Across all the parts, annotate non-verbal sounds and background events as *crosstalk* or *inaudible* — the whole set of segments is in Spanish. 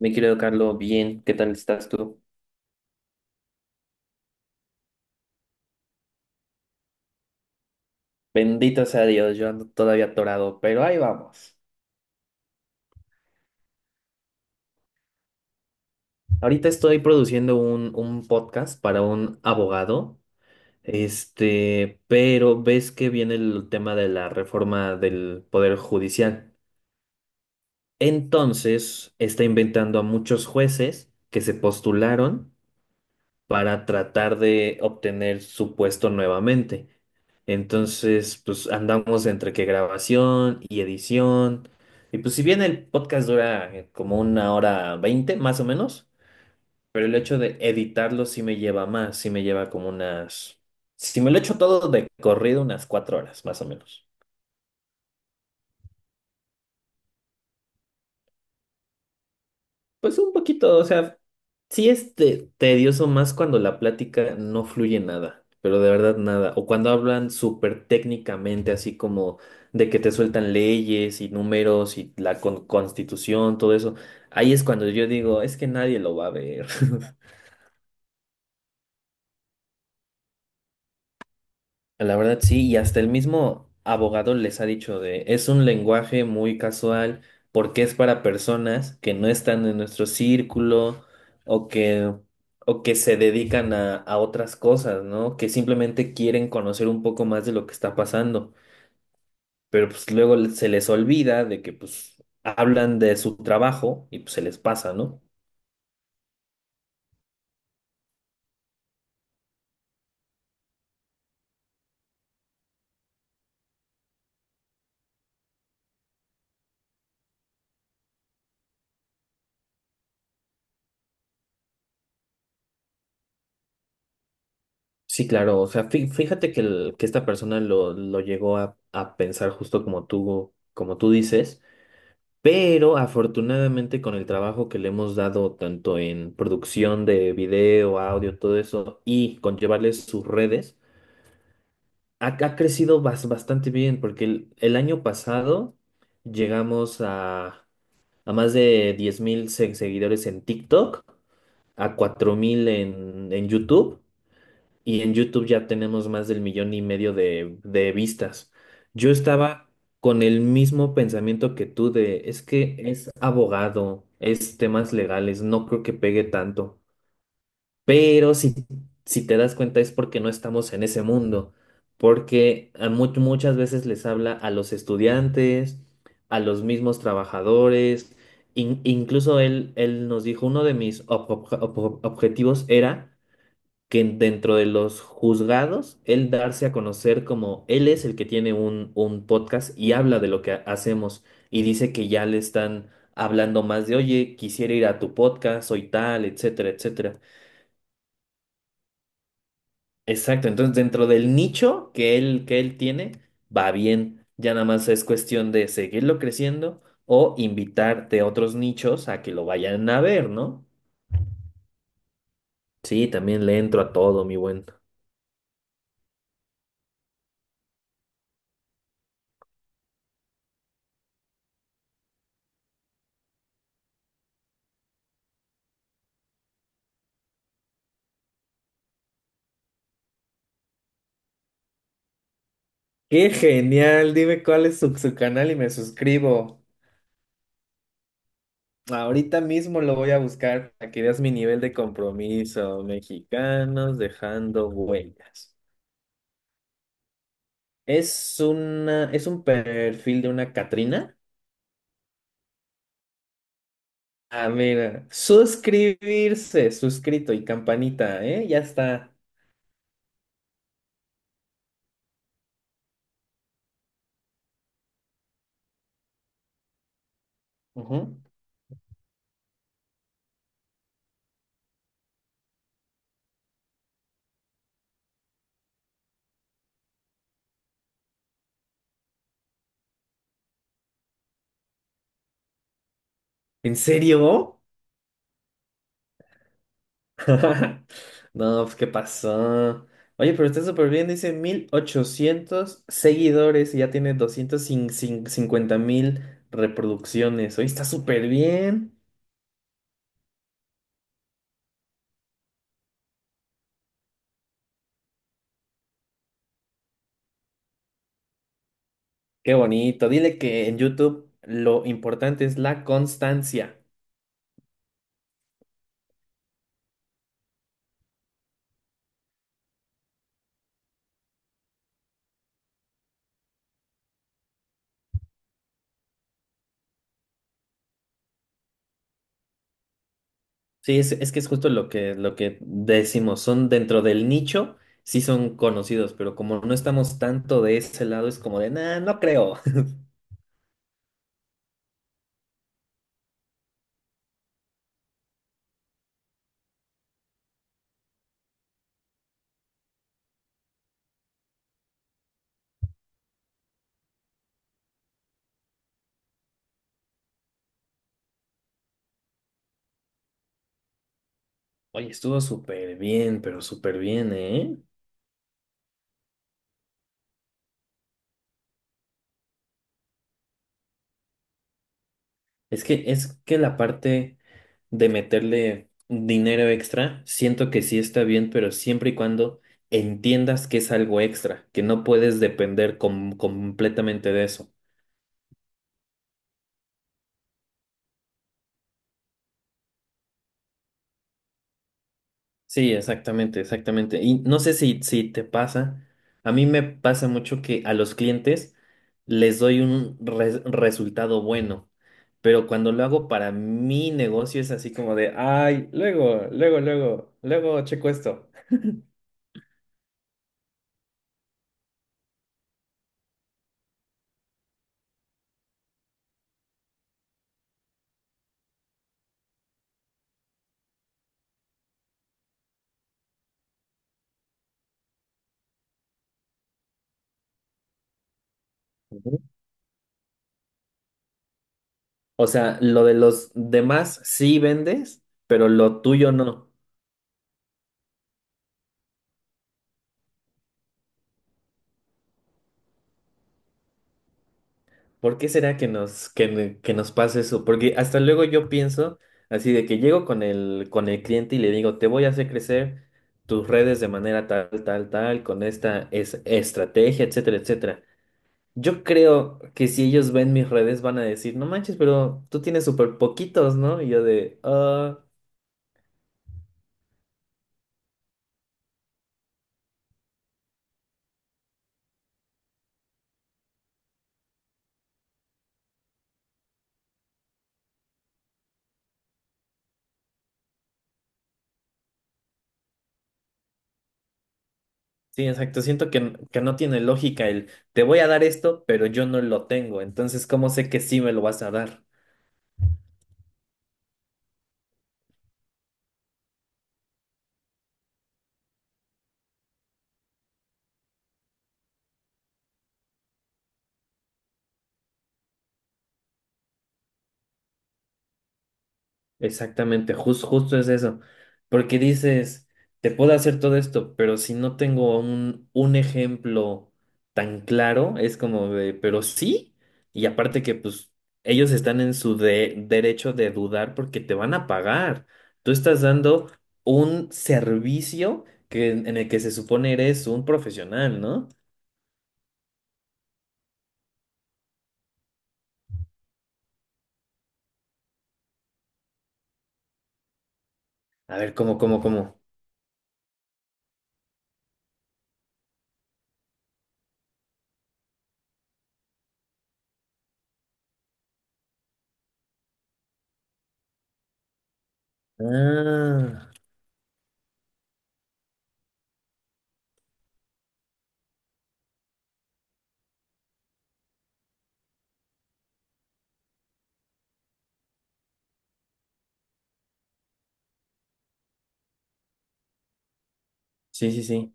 Mi querido Carlos, bien, ¿qué tal estás tú? Bendito sea Dios, yo ando todavía atorado, pero ahí vamos. Ahorita estoy produciendo un podcast para un abogado, pero ves que viene el tema de la reforma del Poder Judicial. Entonces, está inventando a muchos jueces que se postularon para tratar de obtener su puesto nuevamente. Entonces, pues andamos entre que grabación y edición. Y pues si bien el podcast dura como una hora veinte, más o menos, pero el hecho de editarlo sí me lleva como unas Si me lo echo todo de corrido, unas 4 horas, más o menos. Pues un poquito, o sea, sí es tedioso más cuando la plática no fluye nada, pero de verdad nada. O cuando hablan súper técnicamente, así como de que te sueltan leyes y números y la constitución, todo eso. Ahí es cuando yo digo, es que nadie lo va a ver. *laughs* La verdad sí, y hasta el mismo abogado les ha dicho de, es un lenguaje muy casual porque es para personas que no están en nuestro círculo o que, o que se dedican a otras cosas, ¿no? Que simplemente quieren conocer un poco más de lo que está pasando, pero pues luego se les olvida de que pues hablan de su trabajo y pues se les pasa, ¿no? Sí, claro, o sea, fíjate que esta persona lo llegó a pensar justo como tú dices. Pero afortunadamente con el trabajo que le hemos dado tanto en producción de video, audio, todo eso, y con llevarles sus redes, ha crecido bastante bien, porque el año pasado llegamos a más de 10.000 seguidores en TikTok, a 4.000 en YouTube y en YouTube ya tenemos más del 1.500.000 de vistas. Yo estaba con el mismo pensamiento que tú de, es que es abogado, es temas legales, no creo que pegue tanto. Pero si te das cuenta es porque no estamos en ese mundo, porque a muchas veces les habla a los estudiantes, a los mismos trabajadores. Incluso él nos dijo, uno de mis objetivos era que dentro de los juzgados, él darse a conocer como él es el que tiene un podcast y habla de lo que hacemos y dice que ya le están hablando más de, oye, quisiera ir a tu podcast, soy tal, etcétera, etcétera. Exacto, entonces dentro del nicho que él tiene, va bien, ya nada más es cuestión de seguirlo creciendo o invitarte a otros nichos a que lo vayan a ver, ¿no? Sí, también le entro a todo, mi buen. Qué genial, dime cuál es su canal y me suscribo. Ahorita mismo lo voy a buscar para que veas mi nivel de compromiso. Mexicanos dejando huellas. Es un perfil de una Catrina. Ah, mira, suscribirse, suscrito y campanita, ¿eh? Ya está. Ujú. ¿En serio? *laughs* No, pues, ¿qué pasó? Oye, pero está súper bien, dice 1.800 seguidores y ya tiene 250.000 reproducciones. Oye, está súper bien. Qué bonito. Dile que en YouTube lo importante es la constancia. Sí, es que es justo lo que decimos. Son dentro del nicho, sí son conocidos, pero como no estamos tanto de ese lado, es como de, nah, no creo. *laughs* Oye, estuvo súper bien, pero súper bien, ¿eh? Es que la parte de meterle dinero extra, siento que sí está bien, pero siempre y cuando entiendas que es algo extra, que no puedes depender completamente de eso. Sí, exactamente, exactamente. Y no sé si te pasa, a mí me pasa mucho que a los clientes les doy un resultado bueno, pero cuando lo hago para mi negocio es así como de, ay, luego, luego, luego, luego checo esto. O sea, lo de los demás sí vendes, pero lo tuyo no. ¿Por qué será que nos pasa eso? Porque hasta luego yo pienso así de que llego con el cliente y le digo, te voy a hacer crecer tus redes de manera tal, tal, tal, con esta estrategia, etcétera, etcétera. Yo creo que si ellos ven mis redes van a decir, no manches, pero tú tienes súper poquitos, ¿no? Y yo de, "Ah". Sí, exacto. Siento que no tiene lógica el te voy a dar esto, pero yo no lo tengo. Entonces, ¿cómo sé que sí me lo vas a dar? Exactamente, justo es eso. Porque dices, te puedo hacer todo esto, pero si no tengo un ejemplo tan claro, es como de, pero sí. Y aparte que pues ellos están en su derecho de dudar porque te van a pagar. Tú estás dando un servicio que, en el que se supone eres un profesional, ¿no? A ver, ¿cómo, cómo, cómo? Ah, sí, sí, sí.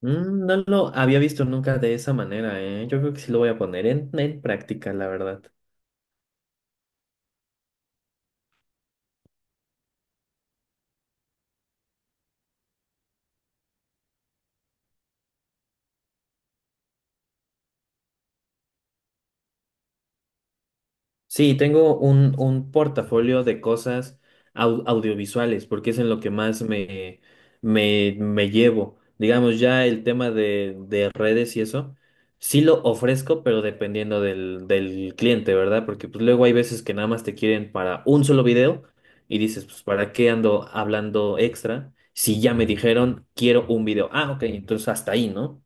No lo había visto nunca de esa manera, ¿eh? Yo creo que sí lo voy a poner en práctica, la verdad. Sí, tengo un portafolio de cosas audiovisuales, porque es en lo que más me llevo. Digamos, ya el tema de redes y eso, sí lo ofrezco, pero dependiendo del cliente, ¿verdad? Porque pues, luego hay veces que nada más te quieren para un solo video y dices, pues, ¿para qué ando hablando extra? Si ya me dijeron, quiero un video. Ah, ok, entonces hasta ahí, ¿no?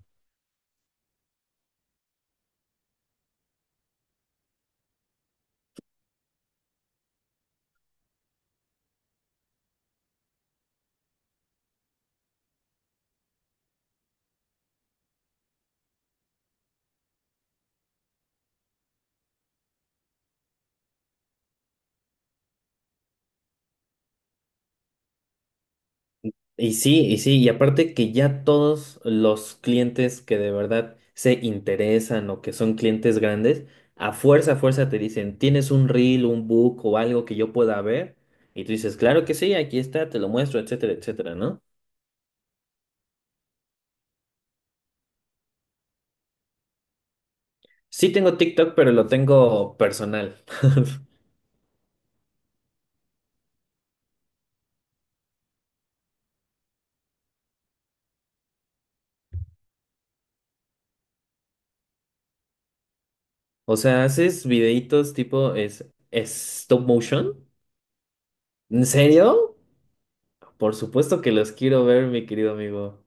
Y aparte que ya todos los clientes que de verdad se interesan o que son clientes grandes, a fuerza te dicen, ¿tienes un reel, un book o algo que yo pueda ver? Y tú dices, claro que sí, aquí está, te lo muestro, etcétera, etcétera, ¿no? Sí tengo TikTok, pero lo tengo personal. *laughs* O sea, haces videitos tipo es stop motion. ¿En serio? Por supuesto que los quiero ver, mi querido amigo.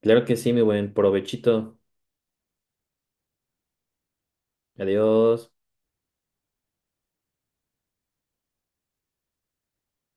Claro que sí, mi buen provechito. Adiós.